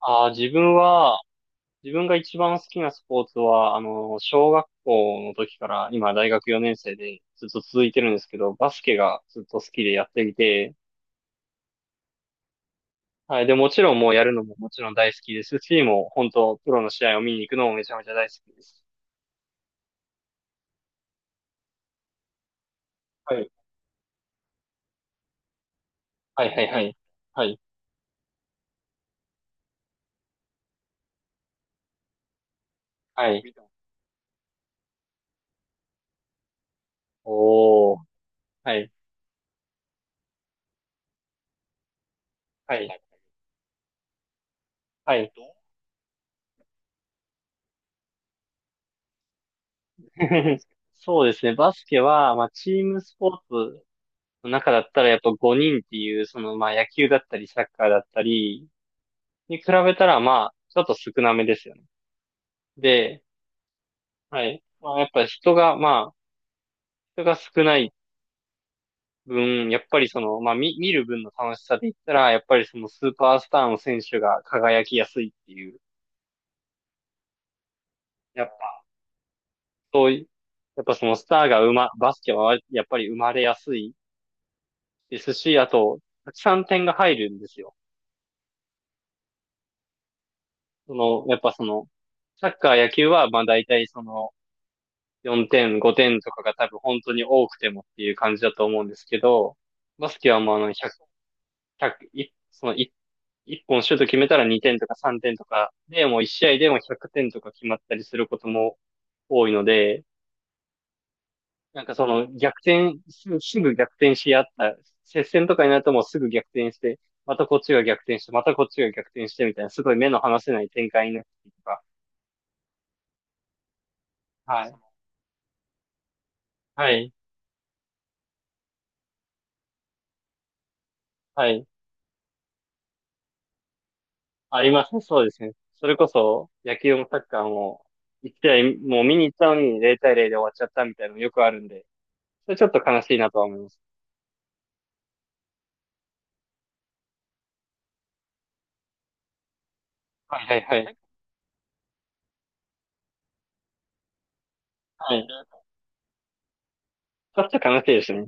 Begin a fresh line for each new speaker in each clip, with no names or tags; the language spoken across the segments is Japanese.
ああ、自分が一番好きなスポーツは、小学校の時から、今大学4年生でずっと続いてるんですけど、バスケがずっと好きでやっていて、はい。で、もちろんもうやるのももちろん大好きですし、もう本当、プロの試合を見に行くのもめちゃめちゃ大好きです。はい。はいはいはい。はい。はい。おー。はい。はい。はい。そうですね。バスケは、まあ、チームスポーツの中だったらやっぱ5人っていう、そのまあ野球だったりサッカーだったりに比べたらまあちょっと少なめですよね。で、はい。まあやっぱ人が少ない分、やっぱりそのまあ見る分の楽しさで言ったら、やっぱりそのスーパースターの選手が輝きやすいっていう、やっぱそういう、やっぱそのスターがバスケはやっぱり生まれやすいですし、あと、たくさん点が入るんですよ。その、やっぱその、サッカー、野球は、まあ大体その、4点、5点とかが多分本当に多くてもっていう感じだと思うんですけど、バスケはもうあの100、いその1、一本シュート決めたら2点とか3点とかで、もう1試合でも100点とか決まったりすることも多いので、なんかその逆転、すぐ逆転し合った、接戦とかになるともうすぐ逆転して、またこっちが逆転して、またこっちが逆転してみたいな、すごい目の離せない展開になってとか。はい。はい。はい。ありますね。そうですね。それこそ、野球もサッカーも、もう見に行ったのに0対0で終わっちゃったみたいなのよくあるんで、それちょっと悲しいなとは思います。はいはいはい。はい。ちょっと悲しいですね。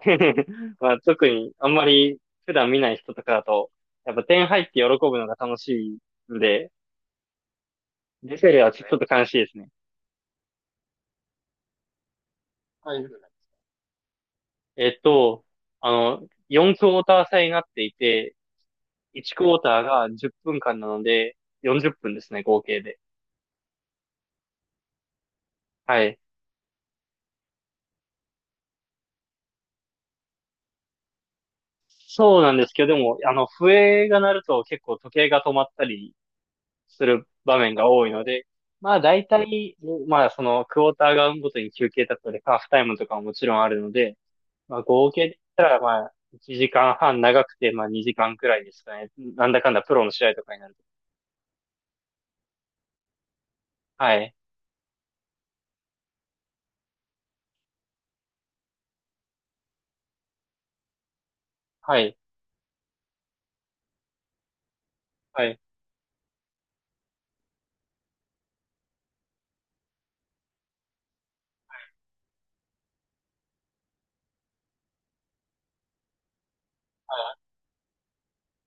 まあ、特に、あんまり普段見ない人とかだと、やっぱ点入って喜ぶのが楽しいんで、出てるはちょっと悲しいですね。はい。えっと、4クォーター制になっていて、1クォーターが10分間なので、40分ですね、合計で。はい。そうなんですけど、でも、笛が鳴ると結構時計が止まったりする場面が多いので、まあ大体、まあそのクォーターがごとに休憩だったり、ハーフタイムとかももちろんあるので、まあ合計で言ったらまあ1時間半長くてまあ2時間くらいですかね。なんだかんだプロの試合とかになると。はい。はい。はい。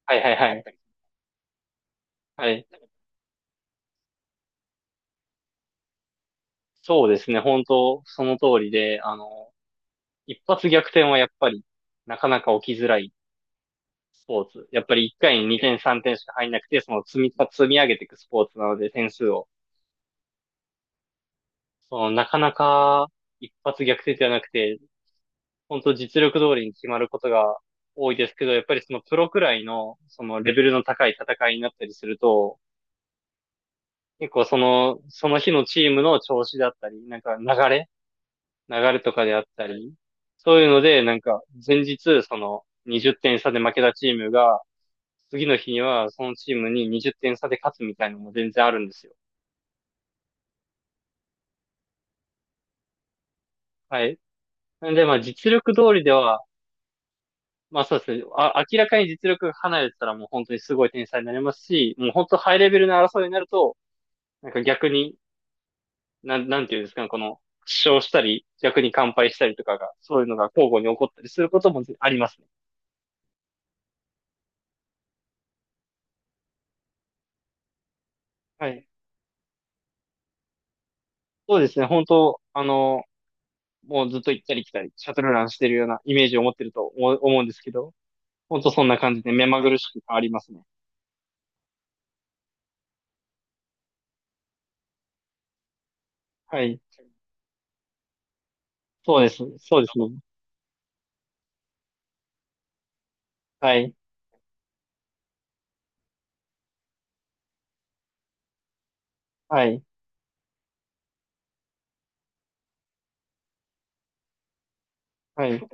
はい。はい。はい。はい。そうですね。本当、その通りで、一発逆転はやっぱりなかなか起きづらいスポーツ。やっぱり1回に2点3点しか入んなくて、その積み上げていくスポーツなので点数を。その、なかなか一発逆転ではなくて、本当実力通りに決まることが多いですけど、やっぱりそのプロくらいの、そのレベルの高い戦いになったりすると、結構その、その日のチームの調子だったり、なんかれ流れとかであったり、そういうので、なんか前日、その20点差で負けたチームが、次の日にはそのチームに20点差で勝つみたいなのも全然あるんですよ。はい。なんで、まあ実力通りでは、まあそうですね。あ、明らかに実力が離れてたらもう本当にすごい天才になりますし、もう本当ハイレベルな争いになると、なんか逆に、なんていうんですかね、この、負傷したり、逆に完敗したりとかが、そういうのが交互に起こったりすることもありますね。はい。そうですね。本当、もうずっと行ったり来たり、シャトルランしてるようなイメージを持ってると思うんですけど、本当そんな感じで目まぐるしく変わりますね。はい。そうです。そうですね。はい。はい。はい。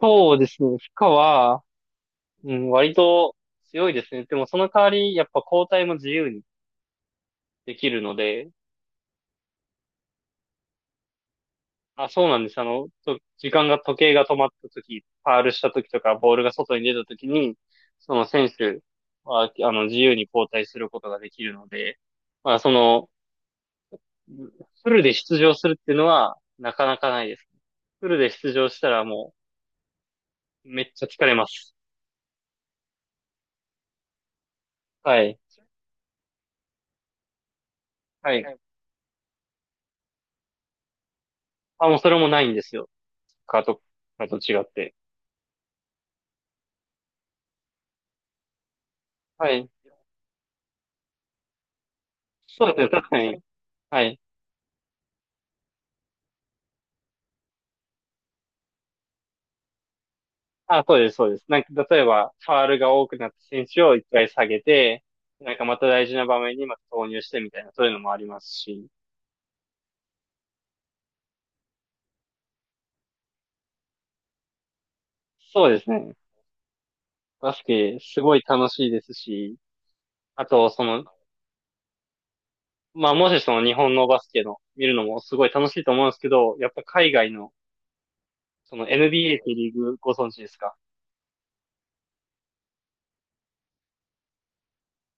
そうですね。負荷は、うん、割と強いですね。でもその代わり、やっぱ交代も自由にできるので、あ、そうなんです。あの、と時間が、時計が止まった時、ファールした時とか、ボールが外に出た時に、その選手は、自由に交代することができるので、まあ、その、フルで出場するっていうのは、なかなかないですね。フルで出場したらもう、めっちゃ疲れます。はい。はい。あ、もうそれもないんですよ。カート、カート違って。はい。そうですね、確かに。はい。あ、そうです、そうです。なんか、例えば、ファールが多くなった選手を一回下げて、なんかまた大事な場面にまた投入してみたいな、そういうのもありますし。そうですね。バスケ、すごい楽しいですし、あと、その、まあ、もしその日本のバスケの見るのもすごい楽しいと思うんですけど、やっぱ海外の、その NBA ってリーグご存知ですか？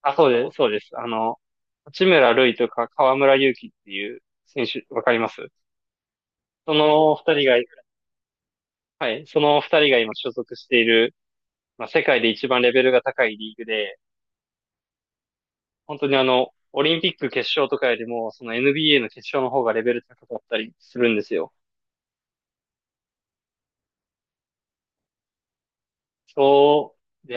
あ、そうです、そうです。八村塁とか河村勇輝っていう選手、わかります？その二人が、はい、その二人が今所属している、まあ、世界で一番レベルが高いリーグで、本当にオリンピック決勝とかよりも、その NBA の決勝の方がレベル高かったりするんですよ。そう、で、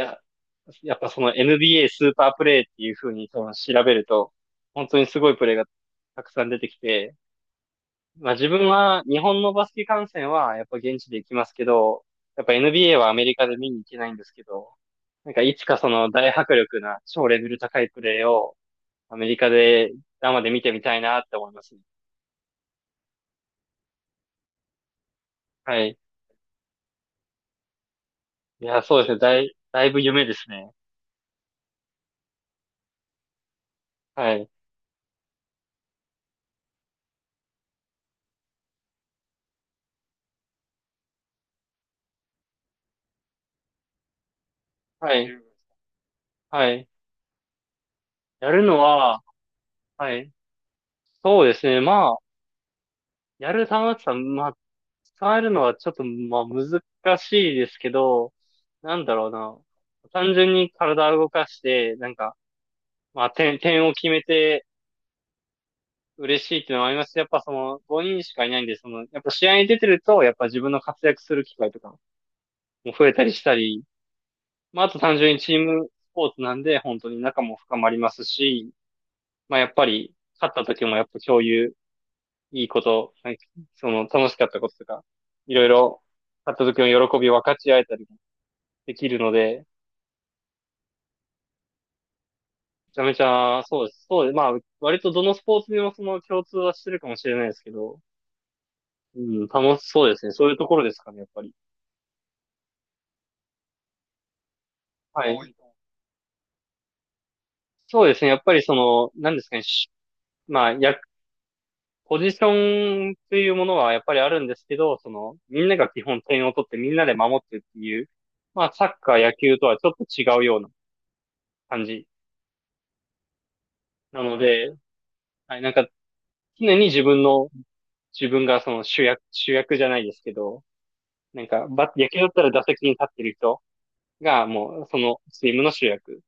やっぱその NBA スーパープレイっていう風に多分調べると、本当にすごいプレーがたくさん出てきて、まあ自分は日本のバスケ観戦はやっぱ現地で行きますけど、やっぱ NBA はアメリカで見に行けないんですけど、なんかいつかその大迫力な超レベル高いプレーをアメリカで生で見てみたいなって思いますね。はい。いや、そうですね。だいぶ夢ですね。はい。はい。はい。やるのは、はい。そうですね。まあ、やる玉ださたまあ、使えるのはちょっと、まあ、難しいですけど、なんだろうな。単純に体を動かして、なんか、まあ、点を決めて嬉しいっていうのもありますし、やっぱその、5人しかいないんで、その、やっぱ試合に出てると、やっぱ自分の活躍する機会とかも増えたりしたり、まあ、あと単純にチームスポーツなんで、本当に仲も深まりますし、まあ、やっぱり、勝った時もやっぱ共有いいこと、なんかその楽しかったこととか、いろいろ、買った時の喜びを分かち合えたりもできるので、めちゃめちゃ、そうです。そうです。まあ、割とどのスポーツにもその共通はしてるかもしれないですけど、うん、楽しそうですね。そういうところですかね、やっぱり。はい。そうですね。やっぱりその、何ですかね。しまあ、や、ポジションというものはやっぱりあるんですけど、その、みんなが基本点を取ってみんなで守ってっていう、まあ、サッカー、野球とはちょっと違うような感じなので、はい、なんか、常に自分がその主役、主役じゃないですけど、なんか、野球だったら打席に立ってる人がもうそのチームの主役。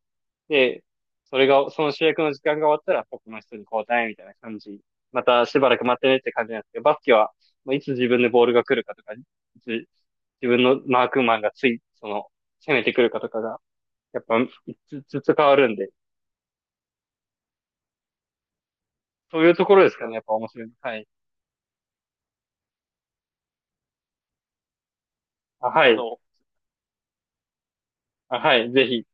で、それが、その主役の時間が終わったら、他の人に交代みたいな感じ。またしばらく待ってねって感じなんですけど、バスケは、まあいつ自分でボールが来るかとか、いつ自分のマークマンがつい、その、攻めてくるかとかが、やっぱ、ずつ変わるんで、そういうところですかね、やっぱ面白いの。はい。あ、はい。あ、はい。ぜひ、